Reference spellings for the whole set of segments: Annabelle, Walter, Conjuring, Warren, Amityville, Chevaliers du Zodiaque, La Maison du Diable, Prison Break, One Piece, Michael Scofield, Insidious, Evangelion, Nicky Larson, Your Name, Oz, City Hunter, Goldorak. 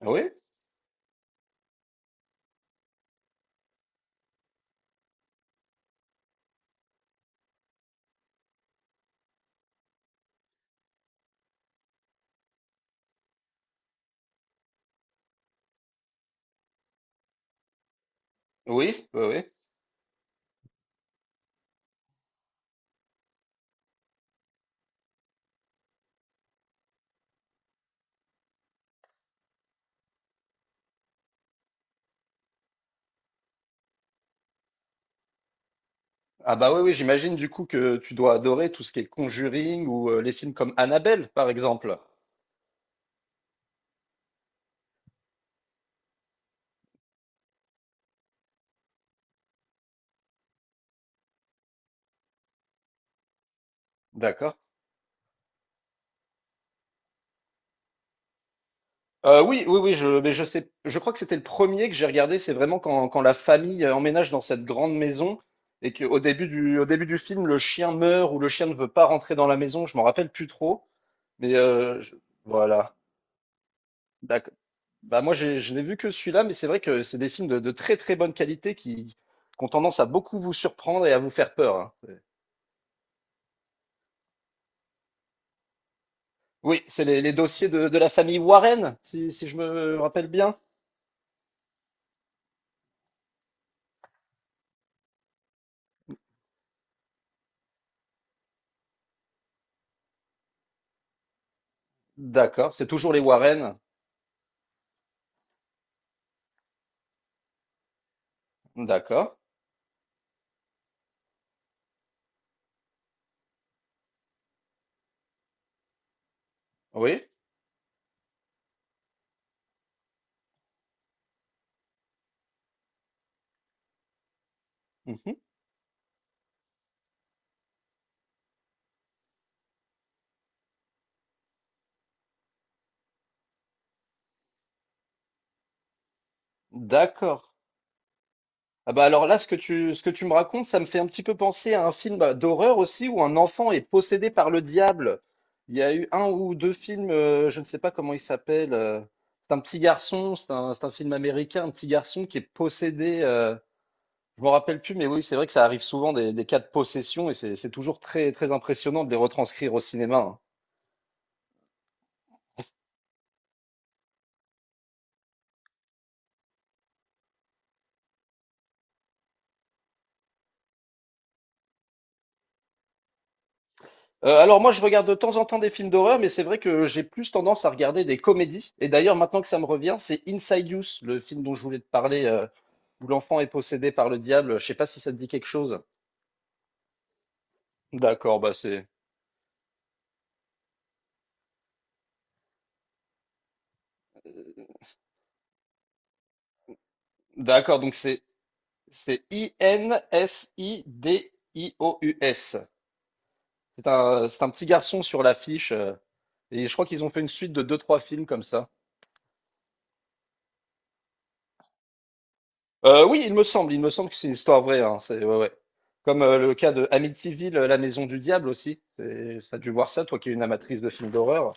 Ah oui, oui, oui, oui. Ah bah oui, oui, j'imagine du coup que tu dois adorer tout ce qui est Conjuring ou les films comme Annabelle, par exemple. D'accord. Oui, oui, oui, je, mais je sais, je crois que c'était le premier que j'ai regardé. C'est vraiment quand, quand la famille emménage dans cette grande maison et au début du film, le chien meurt ou le chien ne veut pas rentrer dans la maison. Je m'en rappelle plus trop, mais voilà. D'accord. Bah, moi, j'ai je n'ai vu que celui-là, mais c'est vrai que c'est des films de très très bonne qualité qui ont tendance à beaucoup vous surprendre et à vous faire peur, hein. Oui, c'est les dossiers de la famille Warren, si je me rappelle bien. D'accord, c'est toujours les Warren. D'accord, oui. Mhm. D'accord. Ah bah alors là, ce que tu me racontes, ça me fait un petit peu penser à un film bah, d'horreur aussi où un enfant est possédé par le diable. Il y a eu un ou deux films, je ne sais pas comment il s'appelle. C'est un petit garçon, c'est un film américain, un petit garçon qui est possédé. Je me rappelle plus, mais oui, c'est vrai que ça arrive souvent des cas de possession et c'est toujours très, très impressionnant de les retranscrire au cinéma, hein. Alors moi, je regarde de temps en temps des films d'horreur, mais c'est vrai que j'ai plus tendance à regarder des comédies. Et d'ailleurs, maintenant que ça me revient, c'est Inside Youth, le film dont je voulais te parler. Où l'enfant est possédé par le diable. Je sais pas si ça te dit quelque chose. D'accord, bah c'est. D'accord, donc c'est I-N-S-I-D-I-O-U-S. C'est un petit garçon sur l'affiche. Et je crois qu'ils ont fait une suite de deux, trois films comme ça. Oui, il me semble que c'est une histoire vraie. Hein, c'est ouais, ouais. Comme le cas de Amityville, La Maison du Diable aussi. Ça a dû voir ça, toi qui es une amatrice de films d'horreur.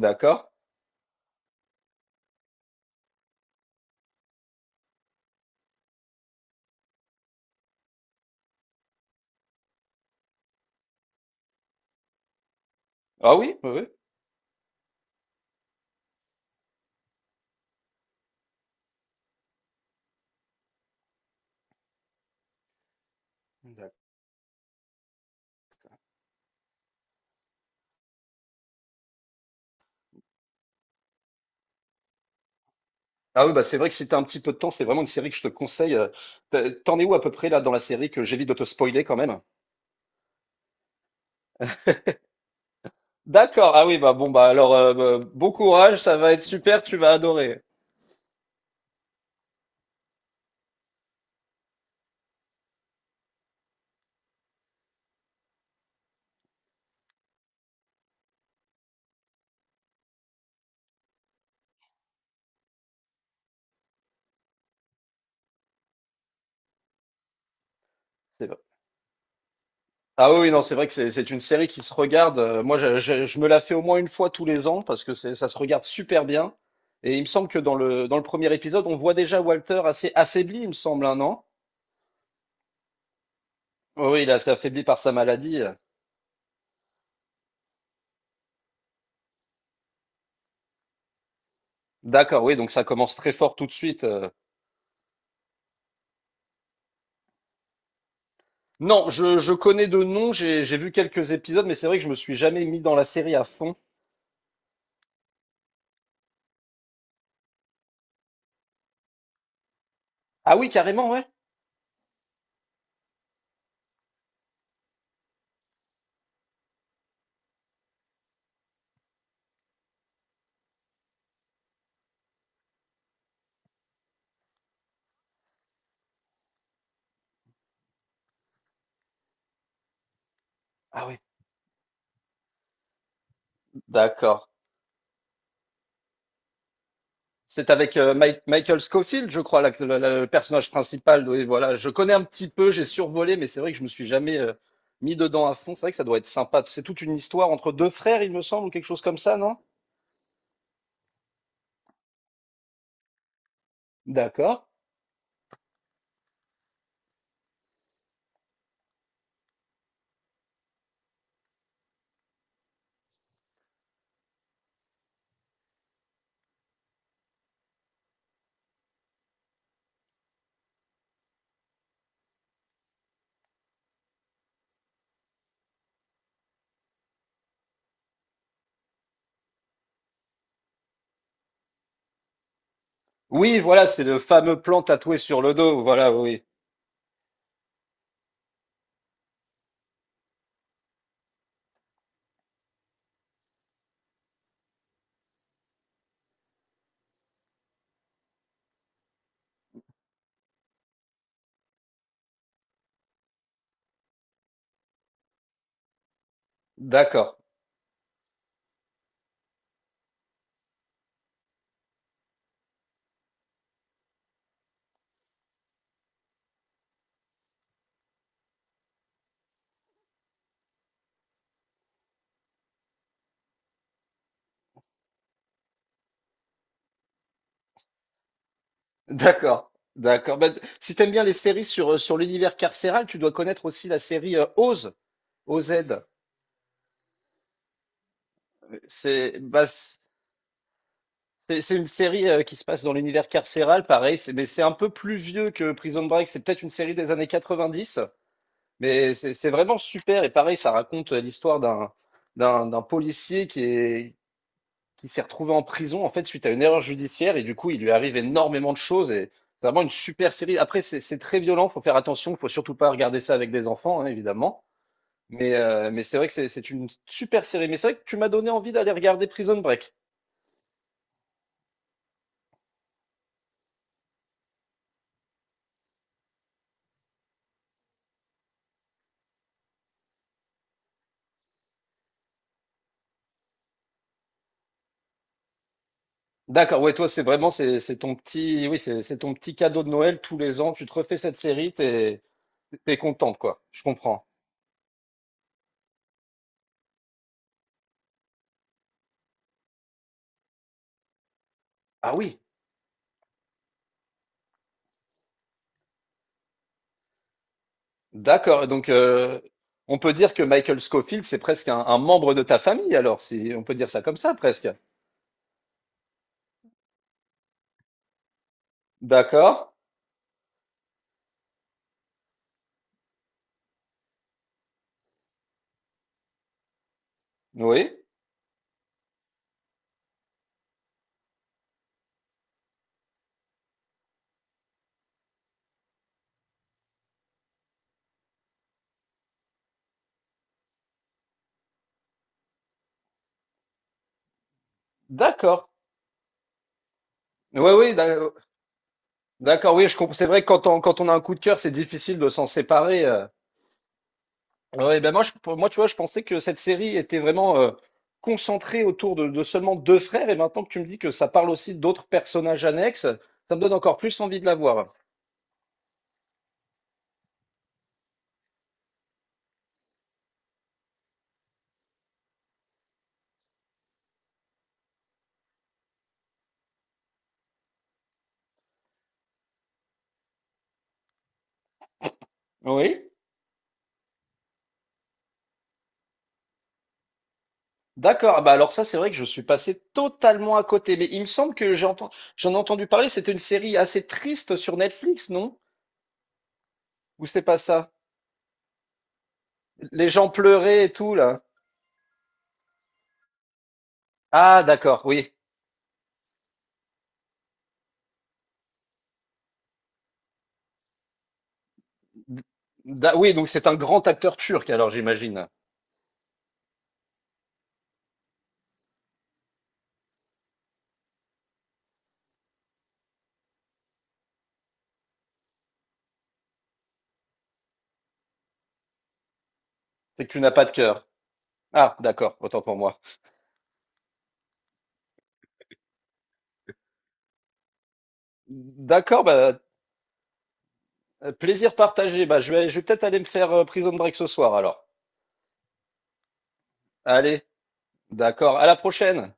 D'accord. Ah oui, oui, oui. Ah oui, bah c'est vrai que si t'as un petit peu de temps, c'est vraiment une série que je te conseille. T'as- t'en es où à peu près là dans la série, que j'évite de te spoiler quand même? D'accord, ah oui, bah bon, bah alors, bah, bon courage, ça va être super, tu vas adorer. C'est vrai. Ah oui, oui, non, c'est vrai que c'est une série qui se regarde. Je me la fais au moins une fois tous les ans parce que ça se regarde super bien. Et il me semble que dans le premier épisode, on voit déjà Walter assez affaibli, il me semble, un an. Oui, il est assez affaibli par sa maladie. D'accord, oui, donc ça commence très fort tout de suite. Non, je connais de nom, j'ai vu quelques épisodes, mais c'est vrai que je me suis jamais mis dans la série à fond. Ah oui, carrément, ouais. Ah oui, d'accord. C'est avec Michael Scofield, je crois, le personnage principal. Oui, voilà. Je connais un petit peu, j'ai survolé, mais c'est vrai que je me suis jamais mis dedans à fond. C'est vrai que ça doit être sympa. C'est toute une histoire entre deux frères, il me semble, ou quelque chose comme ça, non? D'accord. Oui, voilà, c'est le fameux plan tatoué sur le dos. Voilà, oui. D'accord. D'accord, d'accord. Bah, si t'aimes bien les séries sur, sur l'univers carcéral, tu dois connaître aussi la série OZ. C'est bah, C'est une série qui se passe dans l'univers carcéral, pareil, mais c'est un peu plus vieux que Prison Break. C'est peut-être une série des années 90. Mais c'est vraiment super. Et pareil, ça raconte l'histoire d'un policier qui s'est retrouvé en prison en fait suite à une erreur judiciaire et du coup il lui arrive énormément de choses et c'est vraiment une super série. Après c'est très violent, faut faire attention, faut surtout pas regarder ça avec des enfants, hein, évidemment. Mais c'est vrai que c'est une super série. Mais c'est vrai que tu m'as donné envie d'aller regarder Prison Break. D'accord, ouais toi c'est vraiment c'est ton petit oui c'est ton petit cadeau de Noël tous les ans. Tu te refais cette série, t'es contente quoi. Je comprends. Ah oui, d'accord. Donc on peut dire que Michael Scofield c'est presque un membre de ta famille alors, si on peut dire ça comme ça presque. D'accord. Oui. D'accord. Oui, oui, d'accord. Oui, je comprends. C'est vrai que quand on a un coup de cœur, c'est difficile de s'en séparer. Ouais, ben moi, tu vois, je pensais que cette série était vraiment concentrée autour de seulement deux frères. Et maintenant que tu me dis que ça parle aussi d'autres personnages annexes, ça me donne encore plus envie de la voir. Oui. D'accord. Ah bah alors ça, c'est vrai que je suis passé totalement à côté. Mais il me semble que j'ai entendu, j'en ai entendu parler. C'était une série assez triste sur Netflix, non? Ou c'est pas ça? Les gens pleuraient et tout, là. Ah d'accord, oui. Oui, donc c'est un grand acteur turc alors j'imagine. C'est que tu n'as pas de cœur. Ah d'accord, autant pour moi. D'accord, bah, plaisir partagé. Bah, je vais peut-être aller me faire Prison Break ce soir alors. Allez, d'accord, à la prochaine.